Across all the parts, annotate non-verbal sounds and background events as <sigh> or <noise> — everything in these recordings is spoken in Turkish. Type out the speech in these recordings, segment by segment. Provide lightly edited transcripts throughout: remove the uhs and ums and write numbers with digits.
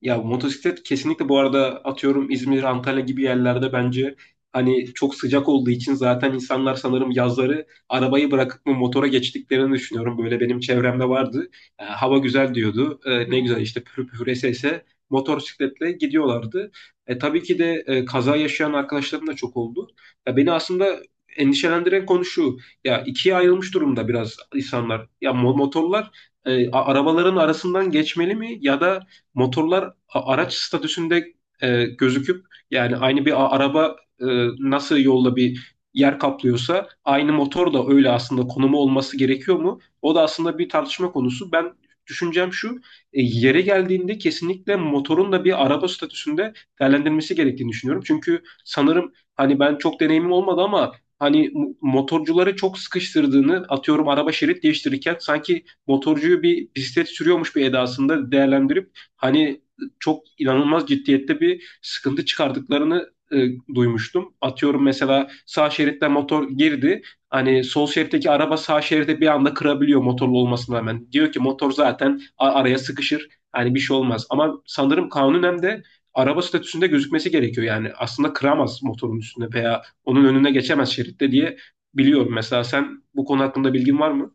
Ya motosiklet kesinlikle bu arada atıyorum İzmir, Antalya gibi yerlerde bence hani çok sıcak olduğu için zaten insanlar sanırım yazları arabayı bırakıp mı motora geçtiklerini düşünüyorum. Böyle benim çevremde vardı. Hava güzel diyordu. Ne güzel işte pür pür ese motosikletle gidiyorlardı. Tabii ki de kaza yaşayan arkadaşlarım da çok oldu. Ya beni aslında endişelendiren konu şu. Ya ikiye ayrılmış durumda biraz insanlar. Ya motorlar arabaların arasından geçmeli mi ya da motorlar araç statüsünde gözüküp yani aynı bir araba e, nasıl yolda bir yer kaplıyorsa aynı motor da öyle aslında konumu olması gerekiyor mu? O da aslında bir tartışma konusu. Ben düşüncem şu, yere geldiğinde kesinlikle motorun da bir araba statüsünde değerlendirilmesi gerektiğini düşünüyorum. Çünkü sanırım hani ben çok deneyimim olmadı ama hani motorcuları çok sıkıştırdığını atıyorum araba şerit değiştirirken sanki motorcuyu bir bisiklet sürüyormuş bir edasında değerlendirip hani çok inanılmaz ciddiyette bir sıkıntı çıkardıklarını duymuştum. Atıyorum mesela sağ şeritte motor girdi. Hani sol şeritteki araba sağ şeride bir anda kırabiliyor motorlu olmasına rağmen. Diyor ki motor zaten araya sıkışır. Hani bir şey olmaz. Ama sanırım kanunen de araba statüsünde gözükmesi gerekiyor. Yani aslında kıramaz motorun üstünde veya onun önüne geçemez şeritte diye biliyorum. Mesela sen bu konu hakkında bilgin var mı?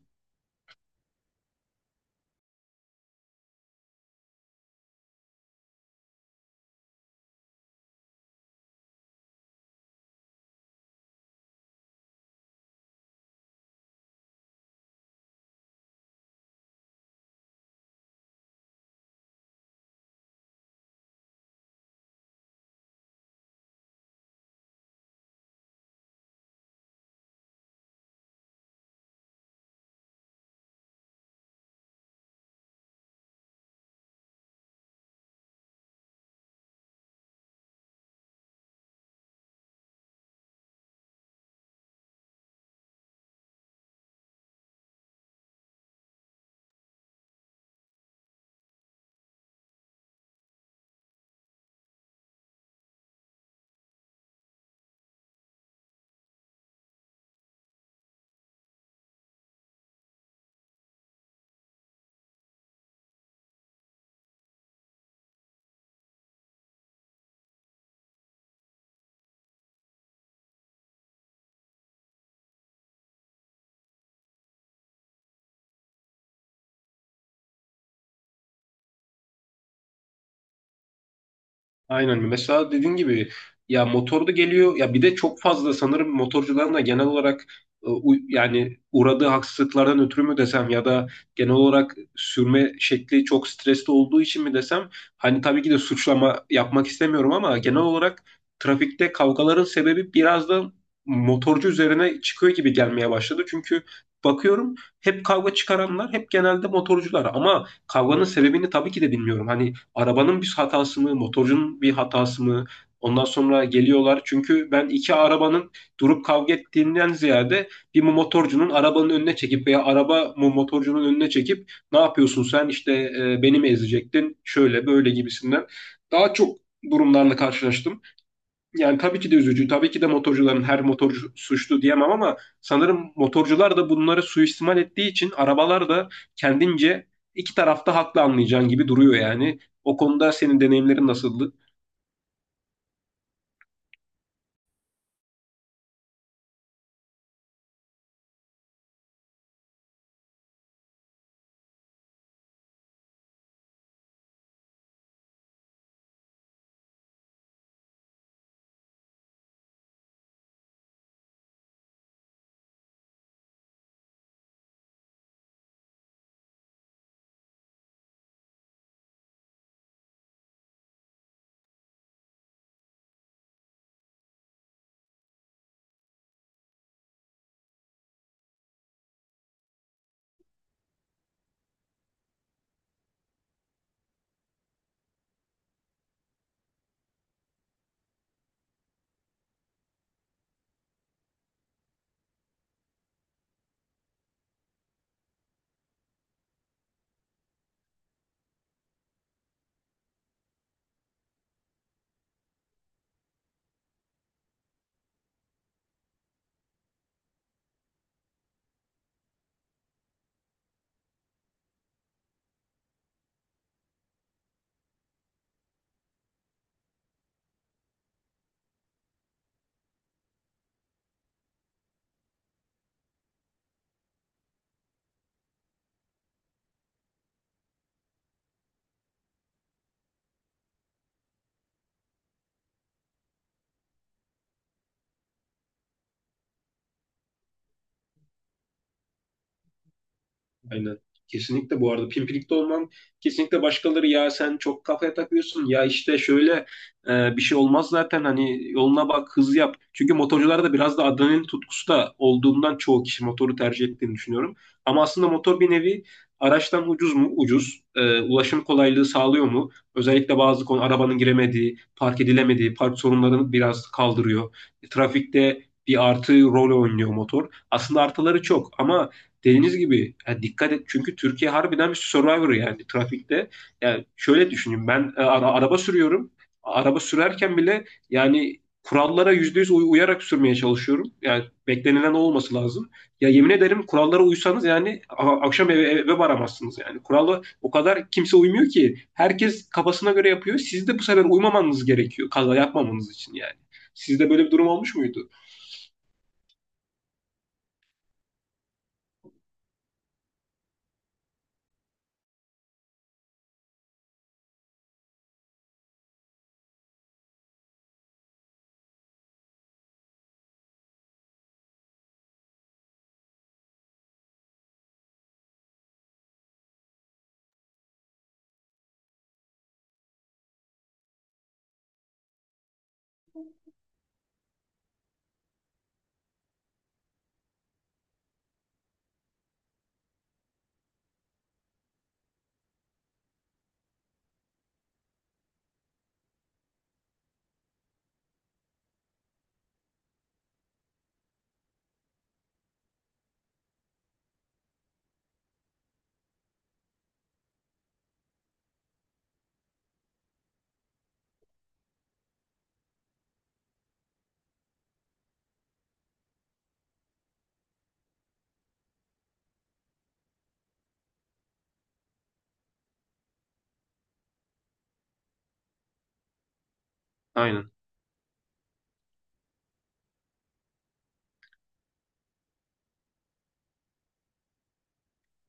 Aynen. Mesela dediğin gibi ya motor da geliyor ya bir de çok fazla sanırım motorcuların da genel olarak yani uğradığı haksızlıklardan ötürü mü desem ya da genel olarak sürme şekli çok stresli olduğu için mi desem hani tabii ki de suçlama yapmak istemiyorum ama genel olarak trafikte kavgaların sebebi biraz da motorcu üzerine çıkıyor gibi gelmeye başladı. Çünkü bakıyorum hep kavga çıkaranlar hep genelde motorcular ama kavganın sebebini tabii ki de bilmiyorum. Hani arabanın bir hatası mı, motorcunun bir hatası mı? Ondan sonra geliyorlar. Çünkü ben iki arabanın durup kavga ettiğinden ziyade bir motorcunun arabanın önüne çekip veya araba motorcunun önüne çekip ne yapıyorsun sen işte beni mi ezecektin şöyle böyle gibisinden daha çok durumlarla karşılaştım. Yani tabii ki de üzücü. Tabii ki de motorcuların her motorcu suçlu diyemem ama sanırım motorcular da bunları suistimal ettiği için arabalar da kendince iki tarafta haklı anlayacağın gibi duruyor yani. O konuda senin deneyimlerin nasıldı? Aynen. Kesinlikle bu arada pimpirikte olman kesinlikle başkaları ya sen çok kafaya takıyorsun ya işte şöyle bir şey olmaz zaten hani yoluna bak hız yap. Çünkü motorcularda biraz da adrenalin tutkusu da olduğundan çoğu kişi motoru tercih ettiğini düşünüyorum. Ama aslında motor bir nevi araçtan ucuz mu? Ucuz. Ulaşım kolaylığı sağlıyor mu? Özellikle bazı konu arabanın giremediği, park edilemediği, park sorunlarını biraz kaldırıyor. Trafikte bir artı rol oynuyor motor. Aslında artıları çok ama dediğiniz gibi ya dikkat et çünkü Türkiye harbiden bir survivor yani trafikte. Yani şöyle düşünün ben araba sürüyorum. Araba sürerken bile yani kurallara %100 uyarak sürmeye çalışıyorum. Yani beklenilen olması lazım. Ya yemin ederim kurallara uysanız yani akşam eve varamazsınız yani. Kurala o kadar kimse uymuyor ki. Herkes kafasına göre yapıyor. Siz de bu sefer uymamanız gerekiyor kaza yapmamanız için yani. Sizde böyle bir durum olmuş muydu? Aynen.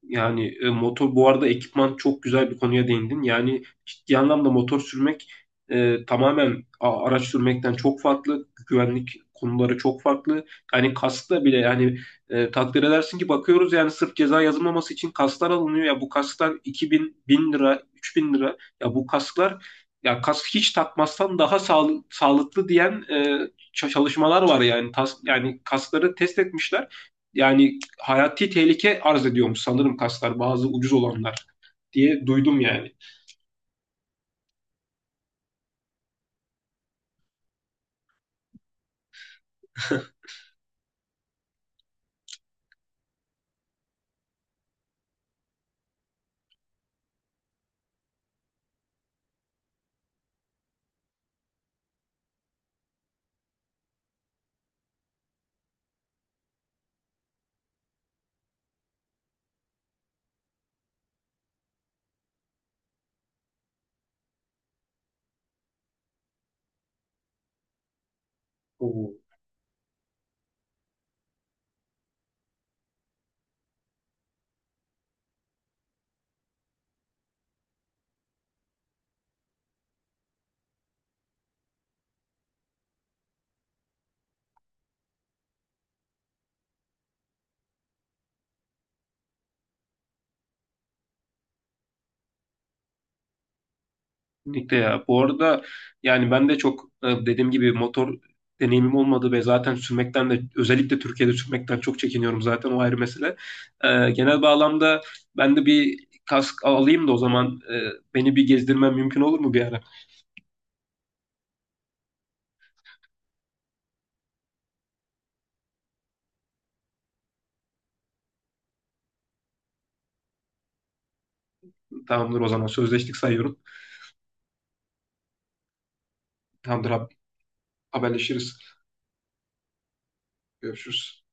Yani motor bu arada ekipman çok güzel bir konuya değindin. Yani ciddi anlamda motor sürmek tamamen araç sürmekten çok farklı. Güvenlik konuları çok farklı. Yani kaskla bile yani takdir edersin ki bakıyoruz yani sırf ceza yazılmaması için kasklar alınıyor. Ya bu kasklar 2000 1000 lira, 3000 lira. Ya bu kasklar ya kask hiç takmazsan daha sağlıklı diyen çalışmalar var yani. Yani kaskları test etmişler. Yani hayati tehlike arz ediyormuş sanırım kaslar bazı ucuz olanlar diye duydum yani. <laughs> Oo. Kesinlikle ya. Bu arada yani ben de çok dediğim gibi motor deneyimim olmadı ve zaten sürmekten de özellikle Türkiye'de sürmekten çok çekiniyorum zaten o ayrı mesele. Genel bağlamda ben de bir kask alayım da o zaman beni bir gezdirmen mümkün olur mu bir ara? Tamamdır o zaman sözleştik sayıyorum. Tamamdır abi haberleşiriz. Görüşürüz.